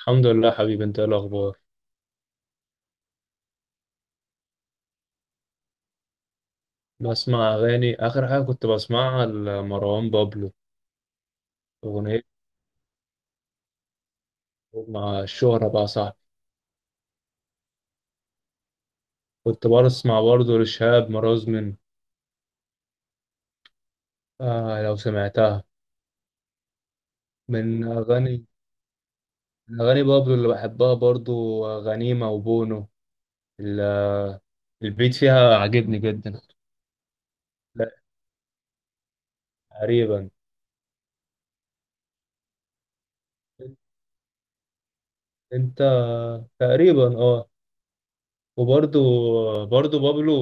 الحمد لله حبيبي، انت ايه الاخبار؟ بسمع اغاني. اخر حاجه كنت بسمعها لمروان بابلو اغنيه مع الشهره بقى صاحبي. كنت بسمع برضه لشهاب مرازمن. آه لو سمعتها. من اغاني من اغاني بابلو اللي بحبها برضه غنيمه وبونو. ال- البيت فيها عاجبني جدا. لا، تقريبا. انت، تقريبا اه. وبرضه بابلو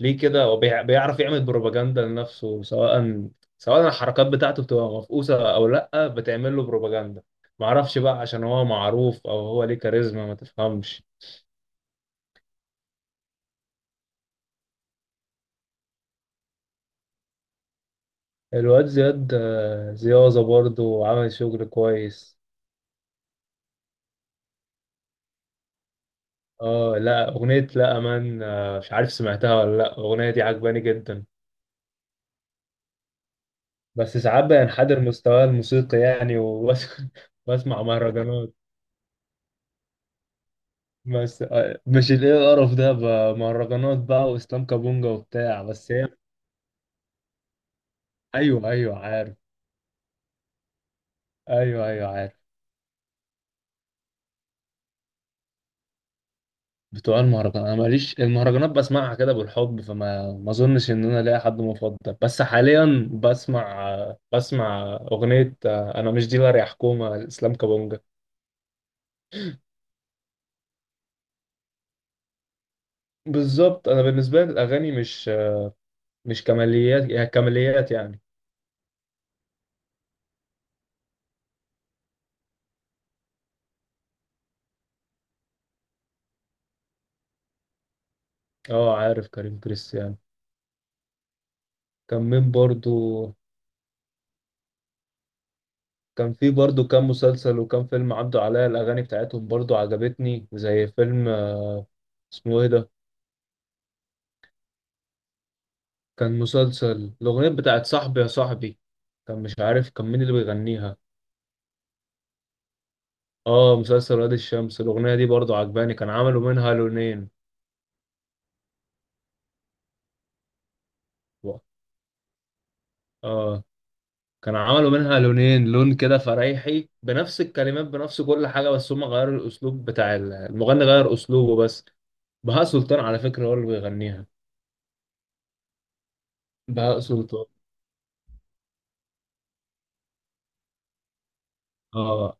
ليه كده؟ هو بيعرف يعمل بروباجندا لنفسه، سواء الحركات بتاعته بتبقى مفقوسة أو لأ بتعمل له بروباجندا. معرفش بقى عشان هو معروف أو هو ليه كاريزما ما تفهمش. الواد زياد، زيازة برضه عمل شغل كويس. اه لا، أغنية لا أمان، مش عارف سمعتها ولا لأ، الأغنية دي عجباني جدا. بس ساعات بينحدر مستواه الموسيقي يعني وبسمع مهرجانات. بس آه، مش الايه القرف ده بقى، مهرجانات بقى واسلام كابونجا وبتاع بس هي. ايوه ايوه عارف. ايوه ايوه عارف. بتوع المهرجان انا ماليش، المهرجانات بسمعها كده بالحب، فما ما اظنش ان انا ليا حد مفضل. بس حاليا بسمع، بسمع اغنيه، انا مش ديلر يا حكومه لاسلام كابونجا. بالظبط. انا بالنسبه لي الاغاني مش مش كماليات يعني، كماليات يعني. اه عارف كريم كريستيانو. كان مين برضو؟ كان في برضو كام مسلسل وكام فيلم عدوا عليا الأغاني بتاعتهم برضو عجبتني، زي فيلم، اسمه إيه ده؟ كان مسلسل الأغنية بتاعت صاحبي يا صاحبي، كان مش عارف كان مين اللي بيغنيها. آه مسلسل وادي الشمس، الأغنية دي برضو عجباني، كان عملوا منها لونين. و- آه، كان عملوا منها لونين، لون كده فريحي بنفس الكلمات بنفس كل حاجة، بس هم غيروا الأسلوب بتاع المغني، غير أسلوبه بس. بهاء سلطان على فكرة هو اللي بيغنيها. بهاء سلطان. اه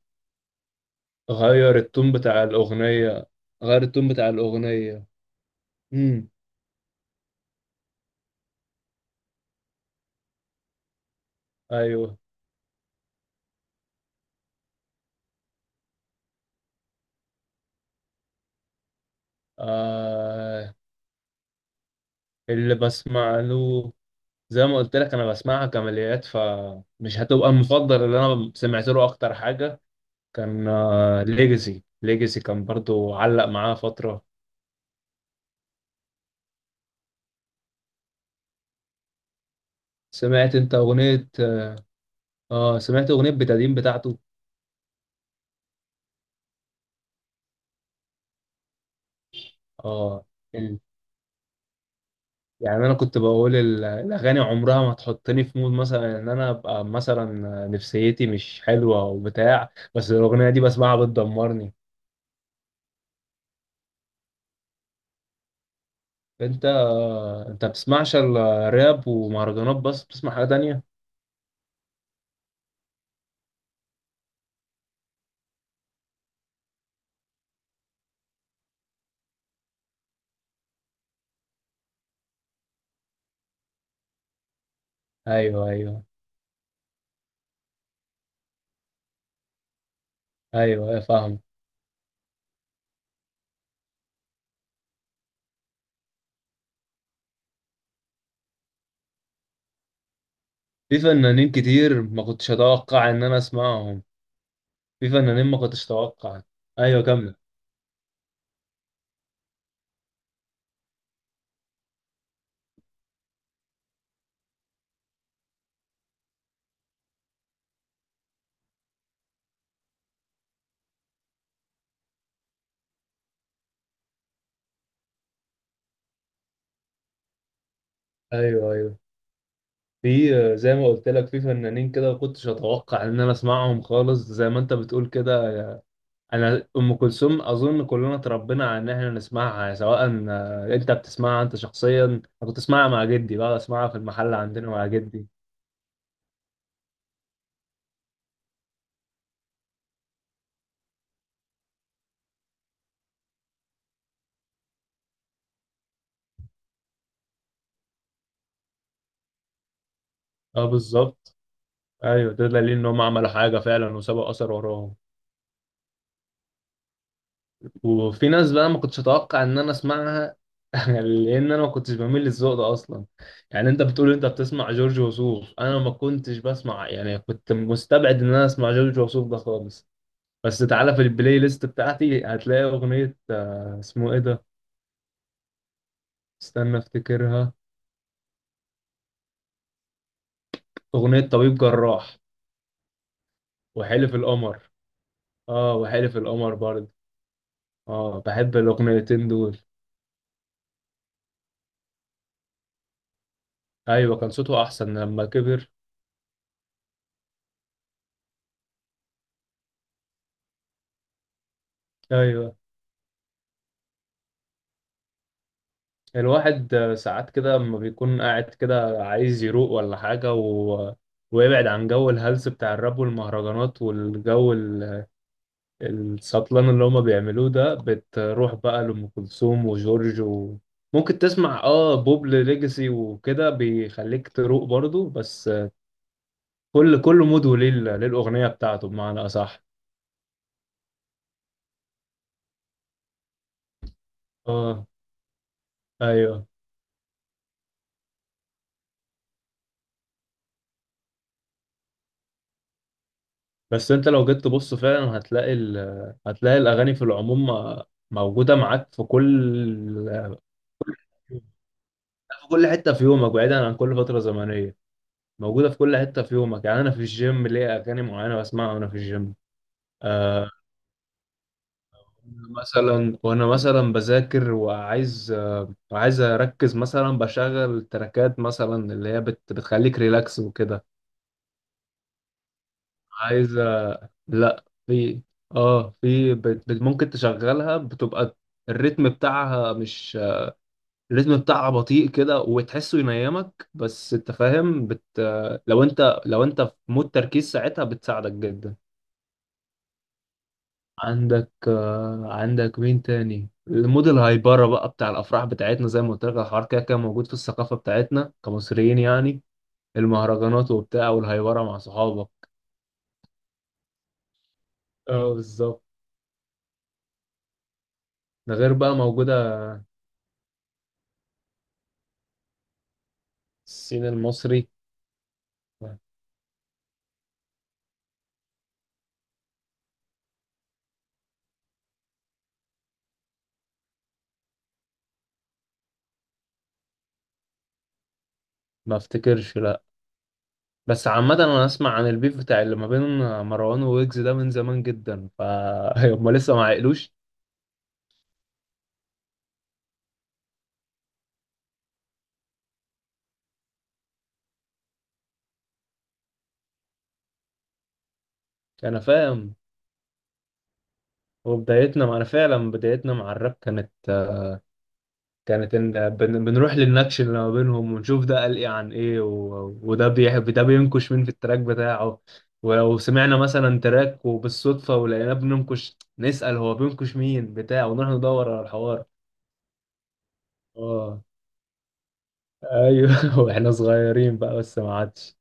غير التون بتاع الأغنية. غير التون بتاع الأغنية. امم أيوه. آه اللي بسمع له، زي ما قلت لك أنا بسمعها كماليات فمش هتبقى المفضل. اللي أنا سمعت له أكتر حاجة كان آه ليجاسي، ليجاسي كان برضو علق معاه فترة. سمعت أنت أغنية، آه سمعت أغنية بتادين بتاعته؟ آه. يعني انا كنت بقول الاغاني عمرها ما تحطني في مود، مثلا ان انا ابقى مثلا نفسيتي مش حلوه او بتاع، بس الاغنيه دي بسمعها بتدمرني. انت، انت بتسمعش الراب ومهرجانات بس؟ بتسمع حاجه تانية؟ ايوه ايوه. ايوه ايوه فاهم. في فنانين كتير ما كنتش اتوقع ان انا اسمعهم. في فنانين ما كنتش اتوقع. ايوه كمل. ايوه ايوه، في زي ما قلت لك في فنانين كده ما كنتش اتوقع ان انا اسمعهم خالص، زي ما انت بتقول كده. انا ام كلثوم اظن كلنا اتربينا على ان احنا نسمعها، سواء آه، انت بتسمعها انت شخصيا، انا كنت اسمعها مع جدي بقى، اسمعها في المحل عندنا مع جدي. اه بالظبط. ايوه ده دليل ان هم عملوا حاجه فعلا وسابوا اثر وراهم. وفي ناس بقى ما كنتش اتوقع ان انا اسمعها، لان انا ما كنتش بميل للذوق ده اصلا. يعني انت بتقول انت بتسمع جورج وسوف، انا ما كنتش بسمع يعني، كنت مستبعد ان انا اسمع جورج وسوف ده خالص. بس تعالى في البلاي ليست بتاعتي هتلاقي اغنيه، آه، اسمه ايه ده؟ استنى افتكرها. اغنية طبيب جراح وحلف القمر. اه وحلف القمر برضه. اه بحب الاغنيتين دول. ايوه كان صوته احسن لما كبر. ايوه الواحد آه، ساعات كده لما بيكون قاعد كده عايز يروق ولا حاجة، و... ويبعد عن جو الهلس بتاع الراب والمهرجانات والجو السطلان اللي هما بيعملوه ده، بتروح بقى لأم كلثوم وجورج، و... ممكن تسمع اه بوب ليجاسي وكده بيخليك تروق برضه. بس كل مود وليه ليه الأغنية بتاعته بمعنى أصح. اه. ايوه بس انت لو جيت تبص فعلا هتلاقي هتلاقي الأغاني في العموم موجودة معاك في كل، في كل حتة في يومك، بعيدا عن كل فترة زمنية. موجودة في كل حتة في يومك. يعني أنا في الجيم ليا أغاني معينة بسمعها وأنا في الجيم. آه، مثلا وأنا مثلا بذاكر وعايز آه عايز أركز مثلا بشغل تراكات مثلا اللي هي بتخليك ريلاكس وكده. عايزة، لا في، اه في ممكن تشغلها، بتبقى الريتم بتاعها مش، الريتم بتاعها بطيء كده وتحسه ينيمك، بس انت فاهم بت، لو انت لو انت في مود تركيز ساعتها بتساعدك جدا. عندك آه، عندك مين تاني؟ المود الهايبرة بقى بتاع الأفراح بتاعتنا، زي ما قلت لك الحوار كده كده موجود في الثقافة بتاعتنا كمصريين يعني. المهرجانات وبتاع والهايبرة مع صحابك. اه بالظبط. ده غير بقى موجودة السين المصري. ما افتكرش لا. بس عامة انا اسمع عن البيف بتاع اللي ما بين مروان وويجز ده من زمان جدا، ف هما لسه ما عقلوش. انا فاهم. وبدايتنا مع، انا فعلا بدايتنا مع الراب كانت، كانت ان بنروح للنكش اللي ما بينهم ونشوف ده قال ايه عن ايه، و... وده بيحب ده بينكش مين في التراك بتاعه. ولو سمعنا مثلا تراك وبالصدفة ولقيناه بننكش، نسأل هو بينكش مين بتاع، ونروح ندور على الحوار. اه. ايوه واحنا صغيرين بقى، بس ما عادش.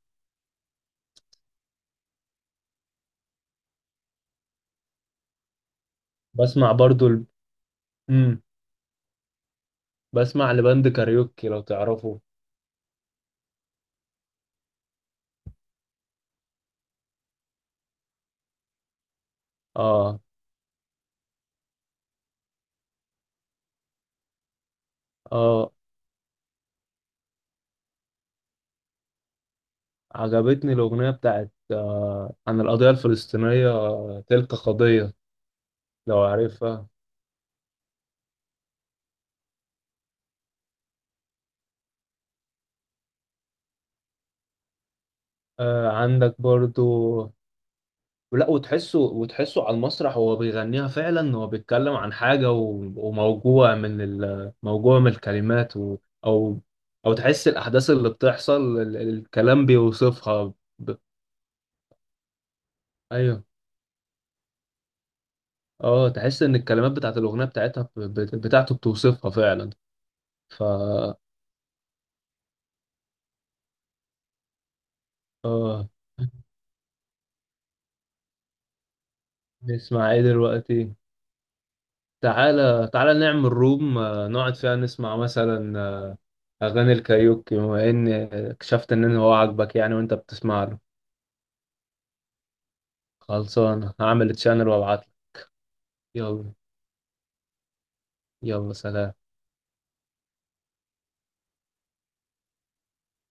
بسمع برضو مم. بسمع لبند كاريوكي لو تعرفه. اه اه. عجبتني الأغنية بتاعت آه عن القضية الفلسطينية، آه، تلك قضية، لو عارفها. آه عندك برضو. لا وتحسه، وتحسه على المسرح وهو بيغنيها فعلا هو بيتكلم عن حاجة، و... وموجوع من موجوع من الكلمات، و... أو أو تحس الأحداث اللي بتحصل الكلام بيوصفها ب. أيوه. اه تحس ان الكلمات بتاعت الاغنيه بتاعتها بتاعته بتوصفها فعلا. ف اه، نسمع ايه دلوقتي؟ تعالى تعالى نعمل روم، آه، نقعد فيها نسمع مثلا آه، اغاني الكاريوكي، بما ان آه، اكتشفت ان هو عاجبك يعني وانت بتسمع له. خلصان هعمل تشانل وابعت لك. يلا. يلا، سلام.